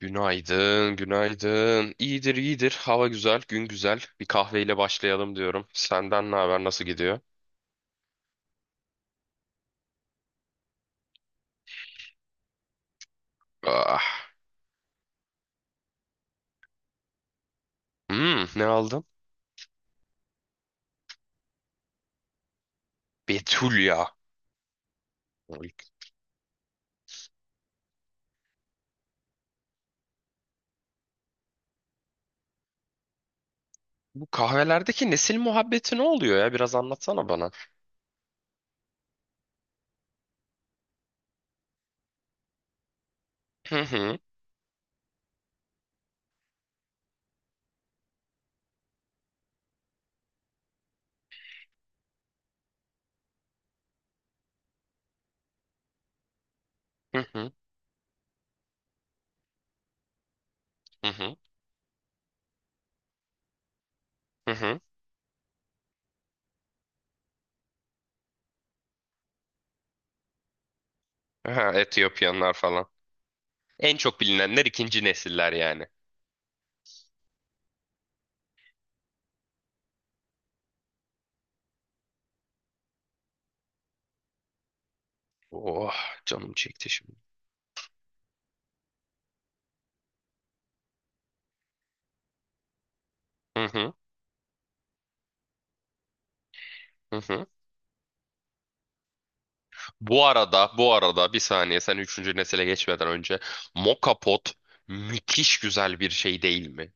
Günaydın, günaydın. İyidir, iyidir. Hava güzel, gün güzel. Bir kahveyle başlayalım diyorum. Senden ne haber, nasıl gidiyor? Ah. Hmm, ne aldın? Betulya. Bu kahvelerdeki nesil muhabbeti ne oluyor ya? Biraz anlatsana bana. Hı hı, hı hı, hı hı, hı hı. Ha, Etiyopyanlar falan. En çok bilinenler ikinci nesiller yani. Oh, canım çekti şimdi. Hı hı, hı hı. Bu arada, bir saniye sen üçüncü nesile geçmeden önce Moka Pot müthiş güzel bir şey değil mi?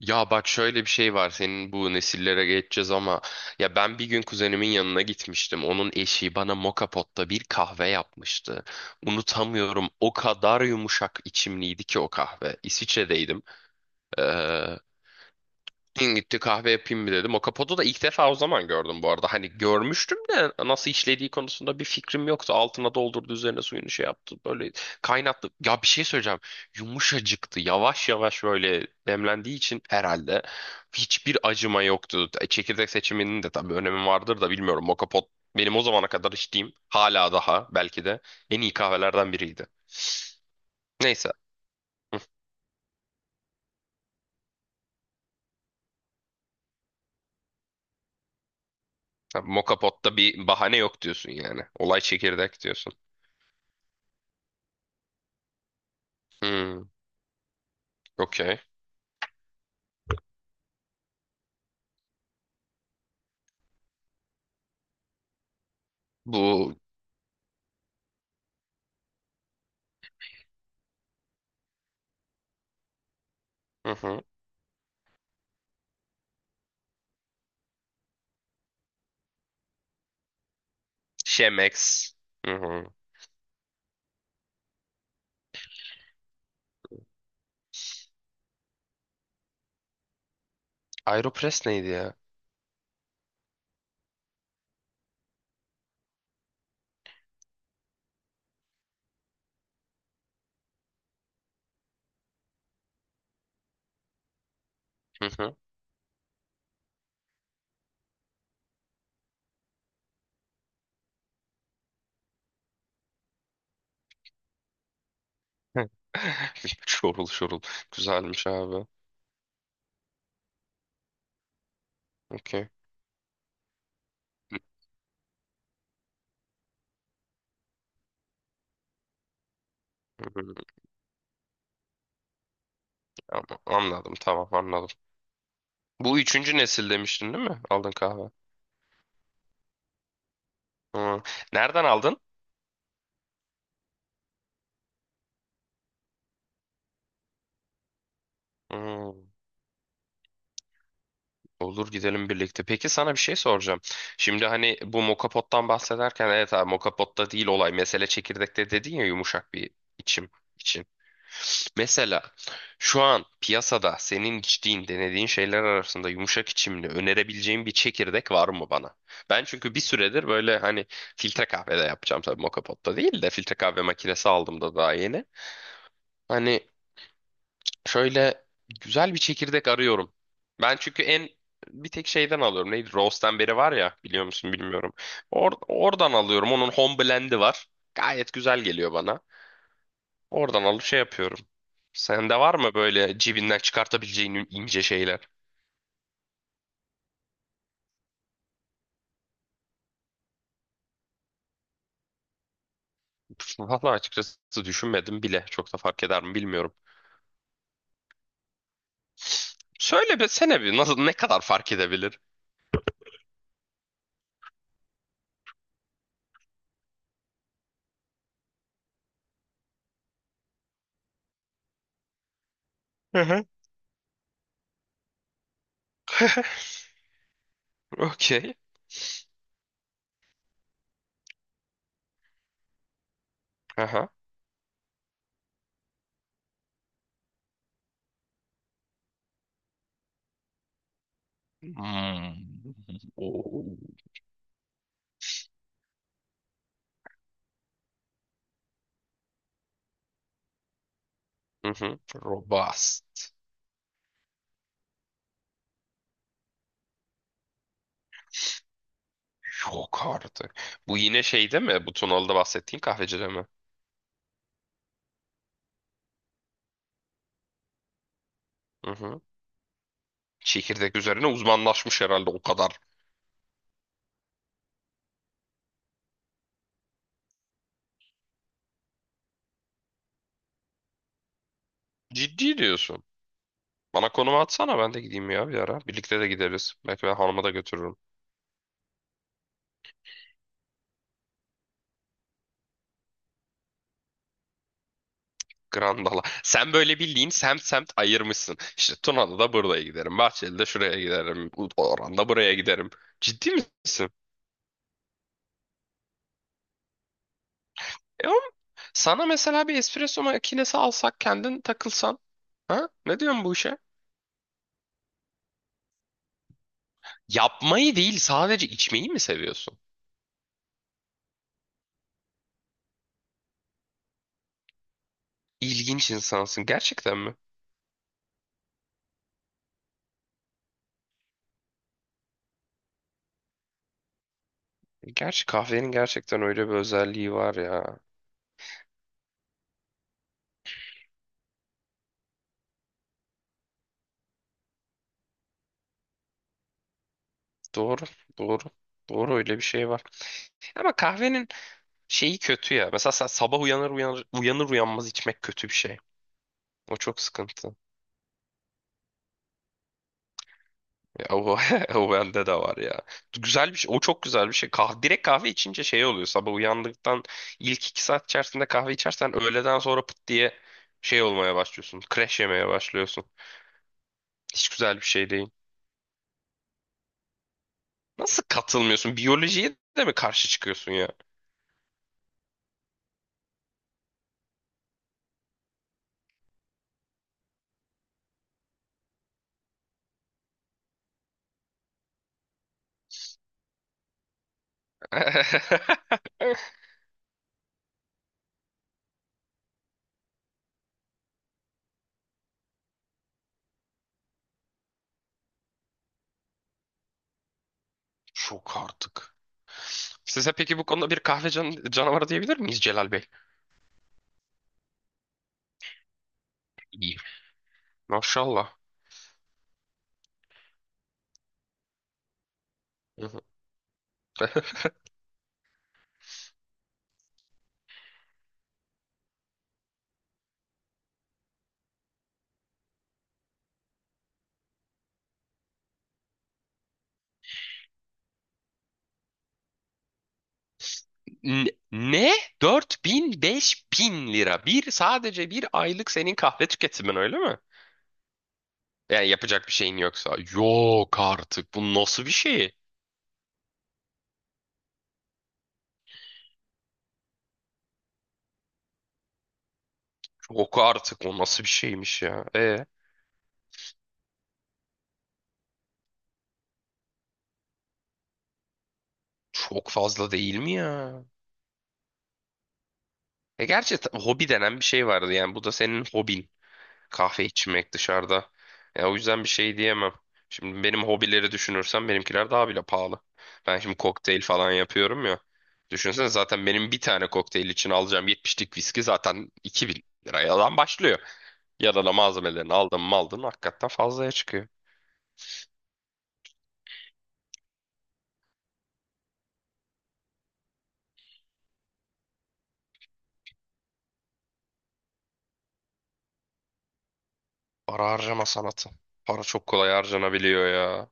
Ya bak şöyle bir şey var senin bu nesillere geçeceğiz ama ya ben bir gün kuzenimin yanına gitmiştim. Onun eşi bana Moka Pot'ta bir kahve yapmıştı. Unutamıyorum, o kadar yumuşak içimliydi ki o kahve. İsviçre'deydim. Ee, Din gitti, kahve yapayım mı dedim. O kapotu da ilk defa o zaman gördüm bu arada. Hani görmüştüm de nasıl işlediği konusunda bir fikrim yoktu. Altına doldurdu, üzerine suyunu şey yaptı. Böyle kaynattı. Ya, bir şey söyleyeceğim. Yumuşacıktı. Yavaş yavaş böyle demlendiği için herhalde hiçbir acıma yoktu. Çekirdek seçiminin de tabii önemi vardır da bilmiyorum. O kapot benim o zamana kadar içtiğim, hala daha belki de en iyi kahvelerden biriydi. Neyse. Hı. Moka potta bir bahane yok diyorsun yani. Olay çekirdek diyorsun. Hmm. Okey. Bu hı hı. Chemex. Hı hı. Aeropress neydi ya? Hı hı. Hı. Şorul şorul. Güzelmiş abi. Okey. Hı hı. Ama anladım, tamam, anladım. Bu üçüncü nesil demiştin değil mi? Aldın kahve. Hı. Nereden aldın? Hı. Olur, gidelim birlikte. Peki, sana bir şey soracağım. Şimdi hani bu mokapottan bahsederken, evet abi mokapotta değil olay, mesele çekirdekte dedin ya, yumuşak bir içim için. Mesela şu an piyasada senin içtiğin, denediğin şeyler arasında yumuşak içimli önerebileceğin bir çekirdek var mı bana? Ben çünkü bir süredir böyle hani filtre kahve de yapacağım, tabii moka potta değil de filtre kahve makinesi aldım da daha yeni. Hani şöyle güzel bir çekirdek arıyorum. Ben çünkü en bir tek şeyden alıyorum. Neydi? Roast'tan beri var ya, biliyor musun bilmiyorum. Oradan alıyorum. Onun home blend'i var. Gayet güzel geliyor bana. Oradan alıp şey yapıyorum. Sende var mı böyle cibinden çıkartabileceğin ince şeyler? Valla açıkçası düşünmedim bile. Çok da fark eder mi bilmiyorum. Söyle be, sene bir nasıl, ne kadar fark edebilir? Hı hı. Okey. Aha. Hmm. Oo. Hı hı. Robust. Yok artık. Bu yine şey değil mi? Bu Tunalı'da bahsettiğin kahvecide mi? Hı hı. Çekirdek üzerine uzmanlaşmış herhalde o kadar. Ciddi diyorsun. Bana konumu atsana, ben de gideyim ya bir ara. Birlikte de gideriz. Belki ben hanıma da götürürüm. Grandala. Sen böyle bildiğin semt semt ayırmışsın. İşte Tuna'da da buraya giderim. Bahçeli'de şuraya giderim. Orhan'da buraya giderim. Ciddi misin? Oğlum, sana mesela bir espresso makinesi alsak, kendin takılsan. Ha? Ne diyorsun bu işe? Yapmayı değil, sadece içmeyi mi seviyorsun? İlginç insansın. Gerçekten mi? Gerçi kahvenin gerçekten öyle bir özelliği var ya. Doğru, doğru. Doğru, öyle bir şey var. Ama kahvenin şeyi kötü ya. Mesela sen sabah uyanır uyanmaz içmek kötü bir şey. O çok sıkıntı. Ya o, o bende de var ya. Güzel bir şey. O çok güzel bir şey. Kahve, direkt kahve içince şey oluyor. Sabah uyandıktan ilk iki saat içerisinde kahve içersen, öğleden sonra pıt diye şey olmaya başlıyorsun. Crash yemeye başlıyorsun. Hiç güzel bir şey değil. Nasıl katılmıyorsun? Biyolojiye de mi karşı çıkıyorsun ya? Çok artık. Size peki bu konuda bir kahve canavarı diyebilir miyiz Celal Bey? İyi. Maşallah. Hı hı. Ne? 4.000 5.000 lira. Bir, sadece bir aylık senin kahve tüketimin öyle mi? Yani yapacak bir şeyin yoksa. Yok artık. Bu nasıl bir şey? Yok artık. O nasıl bir şeymiş ya? Çok fazla değil mi ya? Gerçi hobi denen bir şey vardı yani. Bu da senin hobin. Kahve içmek dışarıda. Ya, o yüzden bir şey diyemem. Şimdi benim hobileri düşünürsem benimkiler daha bile pahalı. Ben şimdi kokteyl falan yapıyorum ya. Düşünsene, zaten benim bir tane kokteyl için alacağım 70'lik viski zaten 2.000 liradan başlıyor. Yanına malzemelerini aldın mı, aldın, hakikaten fazlaya çıkıyor. Para harcama sanatı. Para çok kolay harcanabiliyor ya.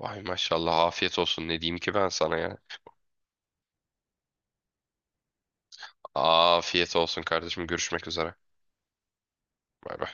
Vay maşallah, afiyet olsun, ne diyeyim ki ben sana ya. Afiyet olsun kardeşim, görüşmek üzere. Bay bay.